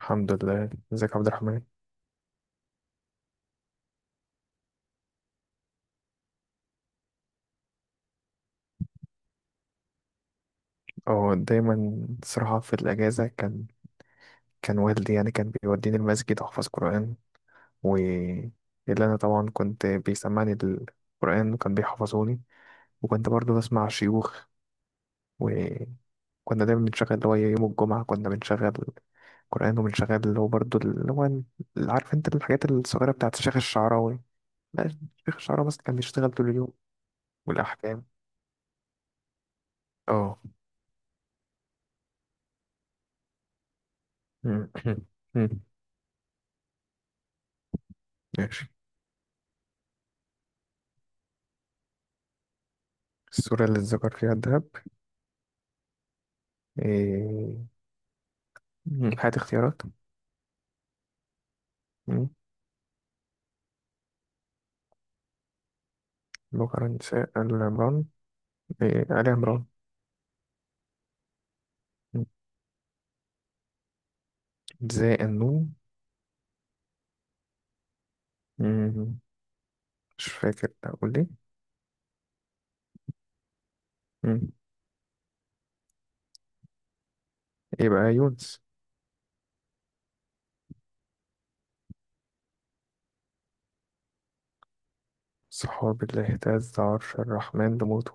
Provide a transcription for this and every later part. الحمد لله. ازيك يا عبد الرحمن؟ اه، دايما صراحة في الأجازة كان والدي، يعني كان بيوديني المسجد أحفظ قرآن. و اللي أنا طبعا كنت بيسمعني القرآن وكان بيحفظوني، وكنت برضو بسمع شيوخ. وكنا دايما بنشغل اللي هو يوم الجمعة، كنا بنشغل قرآن، وبنشغل اللي هو برضو عارف انت الحاجات الصغيرة بتاعت الشيخ الشعراوي. لا، الشيخ الشعراوي بس كان بيشتغل طول اليوم، والأحكام. اه. ماشي. السورة اللي اتذكر فيها الذهب. إيه؟ هات اختيارات. مم. بكرة نساء آل عمران. إيه، آل عمران. مم. زاء النون. مم. مش فاكر أقول إيه. مم. يبقى يونس. صحاب اللي اهتز عرش الرحمن بموته.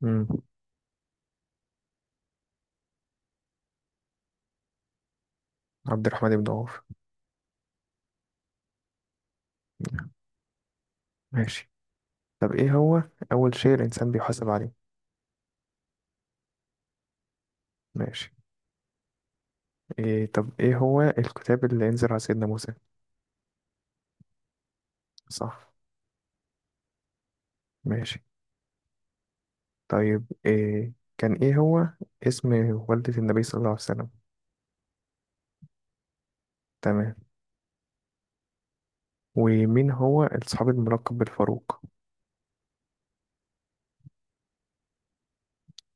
مم. عبد الرحمن بن عوف. ماشي. طب إيه هو أول شيء الإنسان بيحاسب عليه؟ ماشي. طب إيه هو الكتاب اللي أنزل على سيدنا موسى؟ صح. ماشي. طيب إيه كان إيه هو اسم والدة النبي صلى الله عليه وسلم؟ تمام. ومين هو الصحابي الملقب بالفاروق؟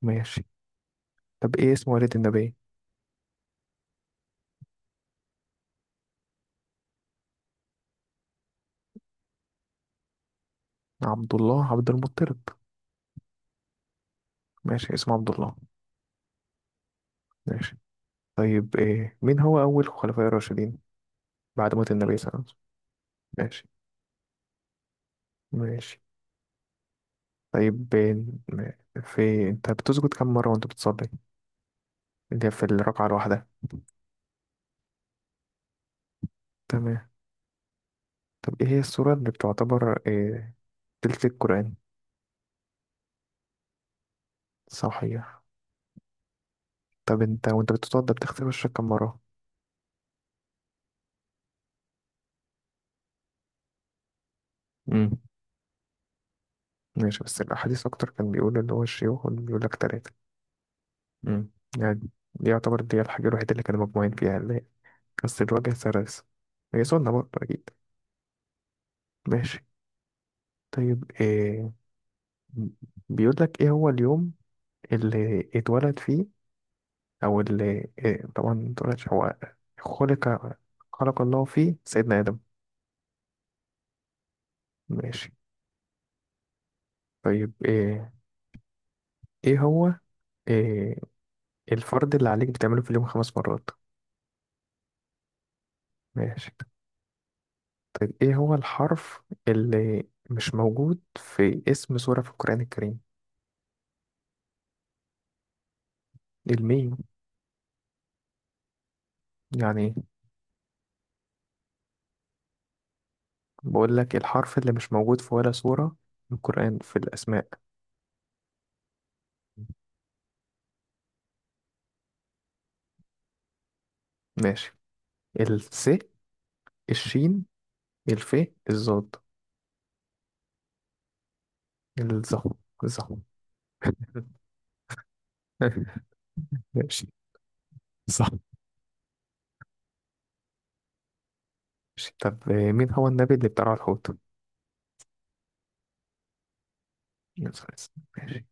ماشي. طب ايه اسم والد النبي؟ عبد الله عبد المطلب. ماشي، اسمه عبد الله. ماشي. طيب إيه مين هو أول خلفاء الراشدين بعد موت النبي صلى الله عليه وسلم؟ ماشي. ماشي. طيب إيه، في انت بتسجد كم مرة وانت بتصلي، اللي هي في الركعة الواحدة؟ تمام. طب ايه هي السورة اللي بتعتبر إيه تلت القرآن؟ صحيح. طب انت وانت بتتوضى بتغسل وشك كم مرة؟ امم ماشي، بس الأحاديث أكتر كان بيقول اللي هو الشيوخ بيقول لك تلاتة. مم. يعني دي يعتبر الحاجة الوحيدة اللي كانوا مجموعين فيها اللي هي بس الوجه سرس، هي سنة برضه أكيد. ماشي. طيب إيه بيقول لك إيه هو اليوم اللي اتولد فيه، أو اللي إيه طبعا ما اتولدش هو، خلق خلق الله فيه سيدنا آدم؟ ماشي. طيب إيه هو إيه الفرض اللي عليك بتعمله في اليوم 5 مرات؟ ماشي. طيب إيه هو الحرف اللي مش موجود في اسم سورة في القرآن الكريم؟ الميم؟ يعني بقول لك الحرف اللي مش موجود في ولا سورة من القرآن في الأسماء. ماشي. الس الشين، الف، الضاد، الظه الظه. ماشي. صح. ماشي. طب مين هو النبي اللي بتاع الحوت؟ يوسف عليه السلام. ماشي.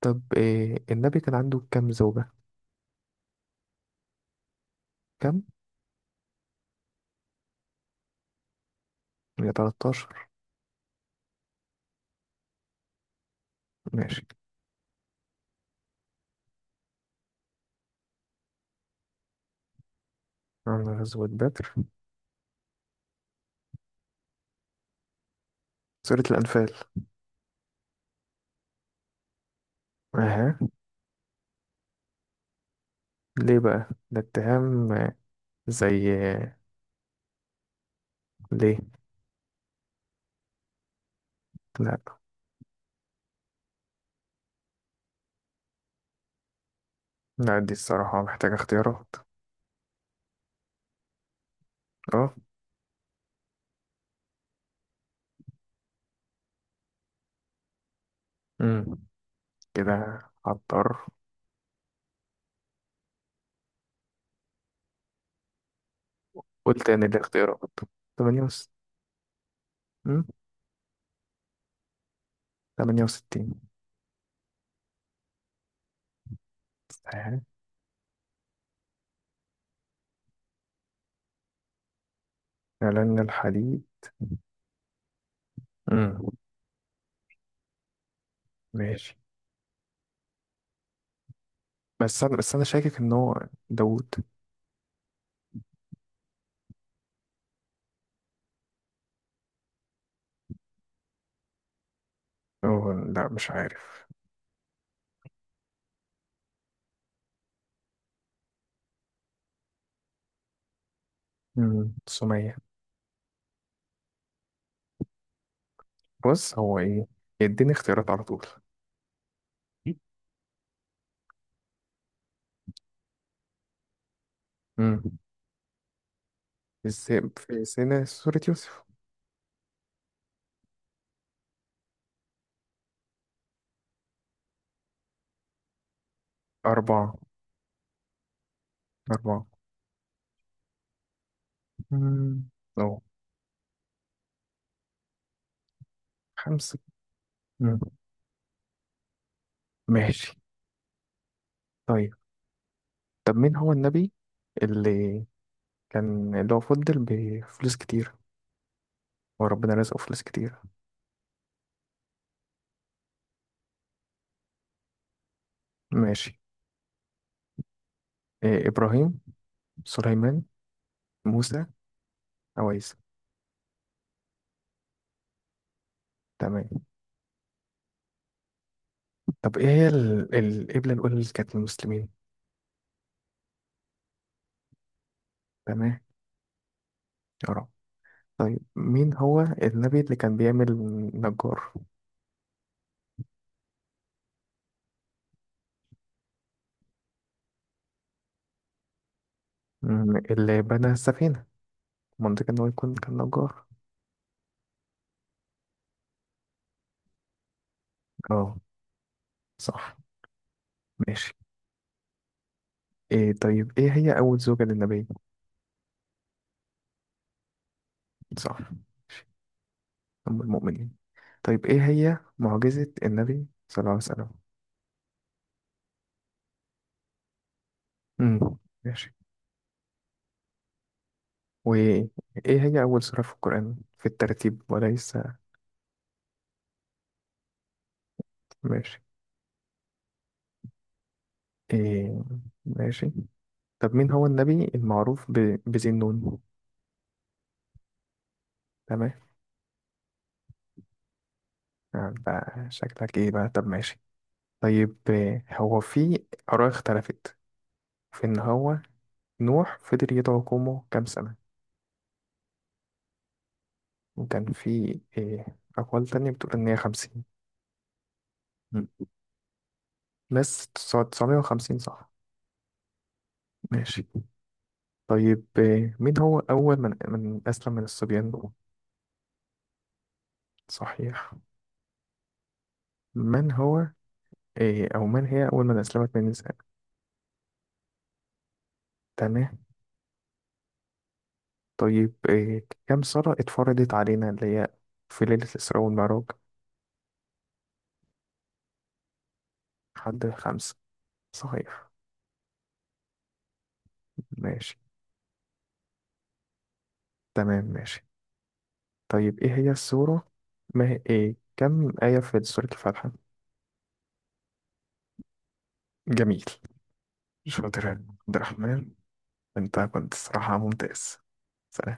طب النبي كان عنده كام زوجة؟ كام؟ يا 13. ماشي. عن غزوة بدر. سورة الأنفال. اها. ليه بقى ده اتهام؟ زي ليه؟ لا. لا، دي الصراحة محتاجة اختيارات. اه. امم كده عطار. قلت ان الاختيارات تمانية وس امم 68. صحيح. إعلان الحديد. امم. ماشي. بس أنا شاكك إن هو داوود. أوه، لا مش عارف. سمية. بص هو إيه. يديني اختيارات على طول. امم. الذئب في سنة سورة يوسف. أربعة. أربعة. امم. أو خمسة. امم ماشي. طيب، طب مين هو النبي اللي كان اللي هو فضل بفلوس كتير، وربنا رزقه فلوس كتير؟ ماشي. إيه إبراهيم، سليمان، موسى، عويس. تمام. طب إيه هي القبلة الأولى اللي كانت للمسلمين؟ تمام. يا رب. طيب مين هو النبي اللي كان بيعمل نجار؟ مم، اللي بنى السفينة. منطقة إن هو يكون كان نجار. اه. صح. ماشي. طيب إيه هي أول زوجة للنبي؟ صح. ماشي، أم المؤمنين. طيب إيه هي معجزة النبي صلى الله عليه وسلم؟ امم ماشي. وإيه هي أول سورة في القرآن في الترتيب وليس؟ ماشي. إيه. ماشي. طب مين هو النبي المعروف بذي النون؟ تمام. ده شكلك إيه بقى؟ طب ماشي. طيب إيه، هو في آراء اختلفت في إن هو نوح فضل يدعو قومه كام سنة؟ وكان في إيه أقوال تانية بتقول إن هي 50. بس 950، صح. ماشي. طيب إيه، مين هو أول من أسلم من الصبيان؟ صحيح. من هو إيه أو من هي أول من أسلمت من النساء؟ تمام. طيب إيه كم سنة اتفرضت علينا اللي هي في ليلة الإسراء والمعراج؟ حد خمسة. صحيح. ماشي. تمام. ماشي. طيب إيه هي السورة ما هي إيه كم آية في سورة الفاتحة؟ جميل. شاطر يا عبد الرحمن، أنت كنت الصراحة ممتاز. سلام.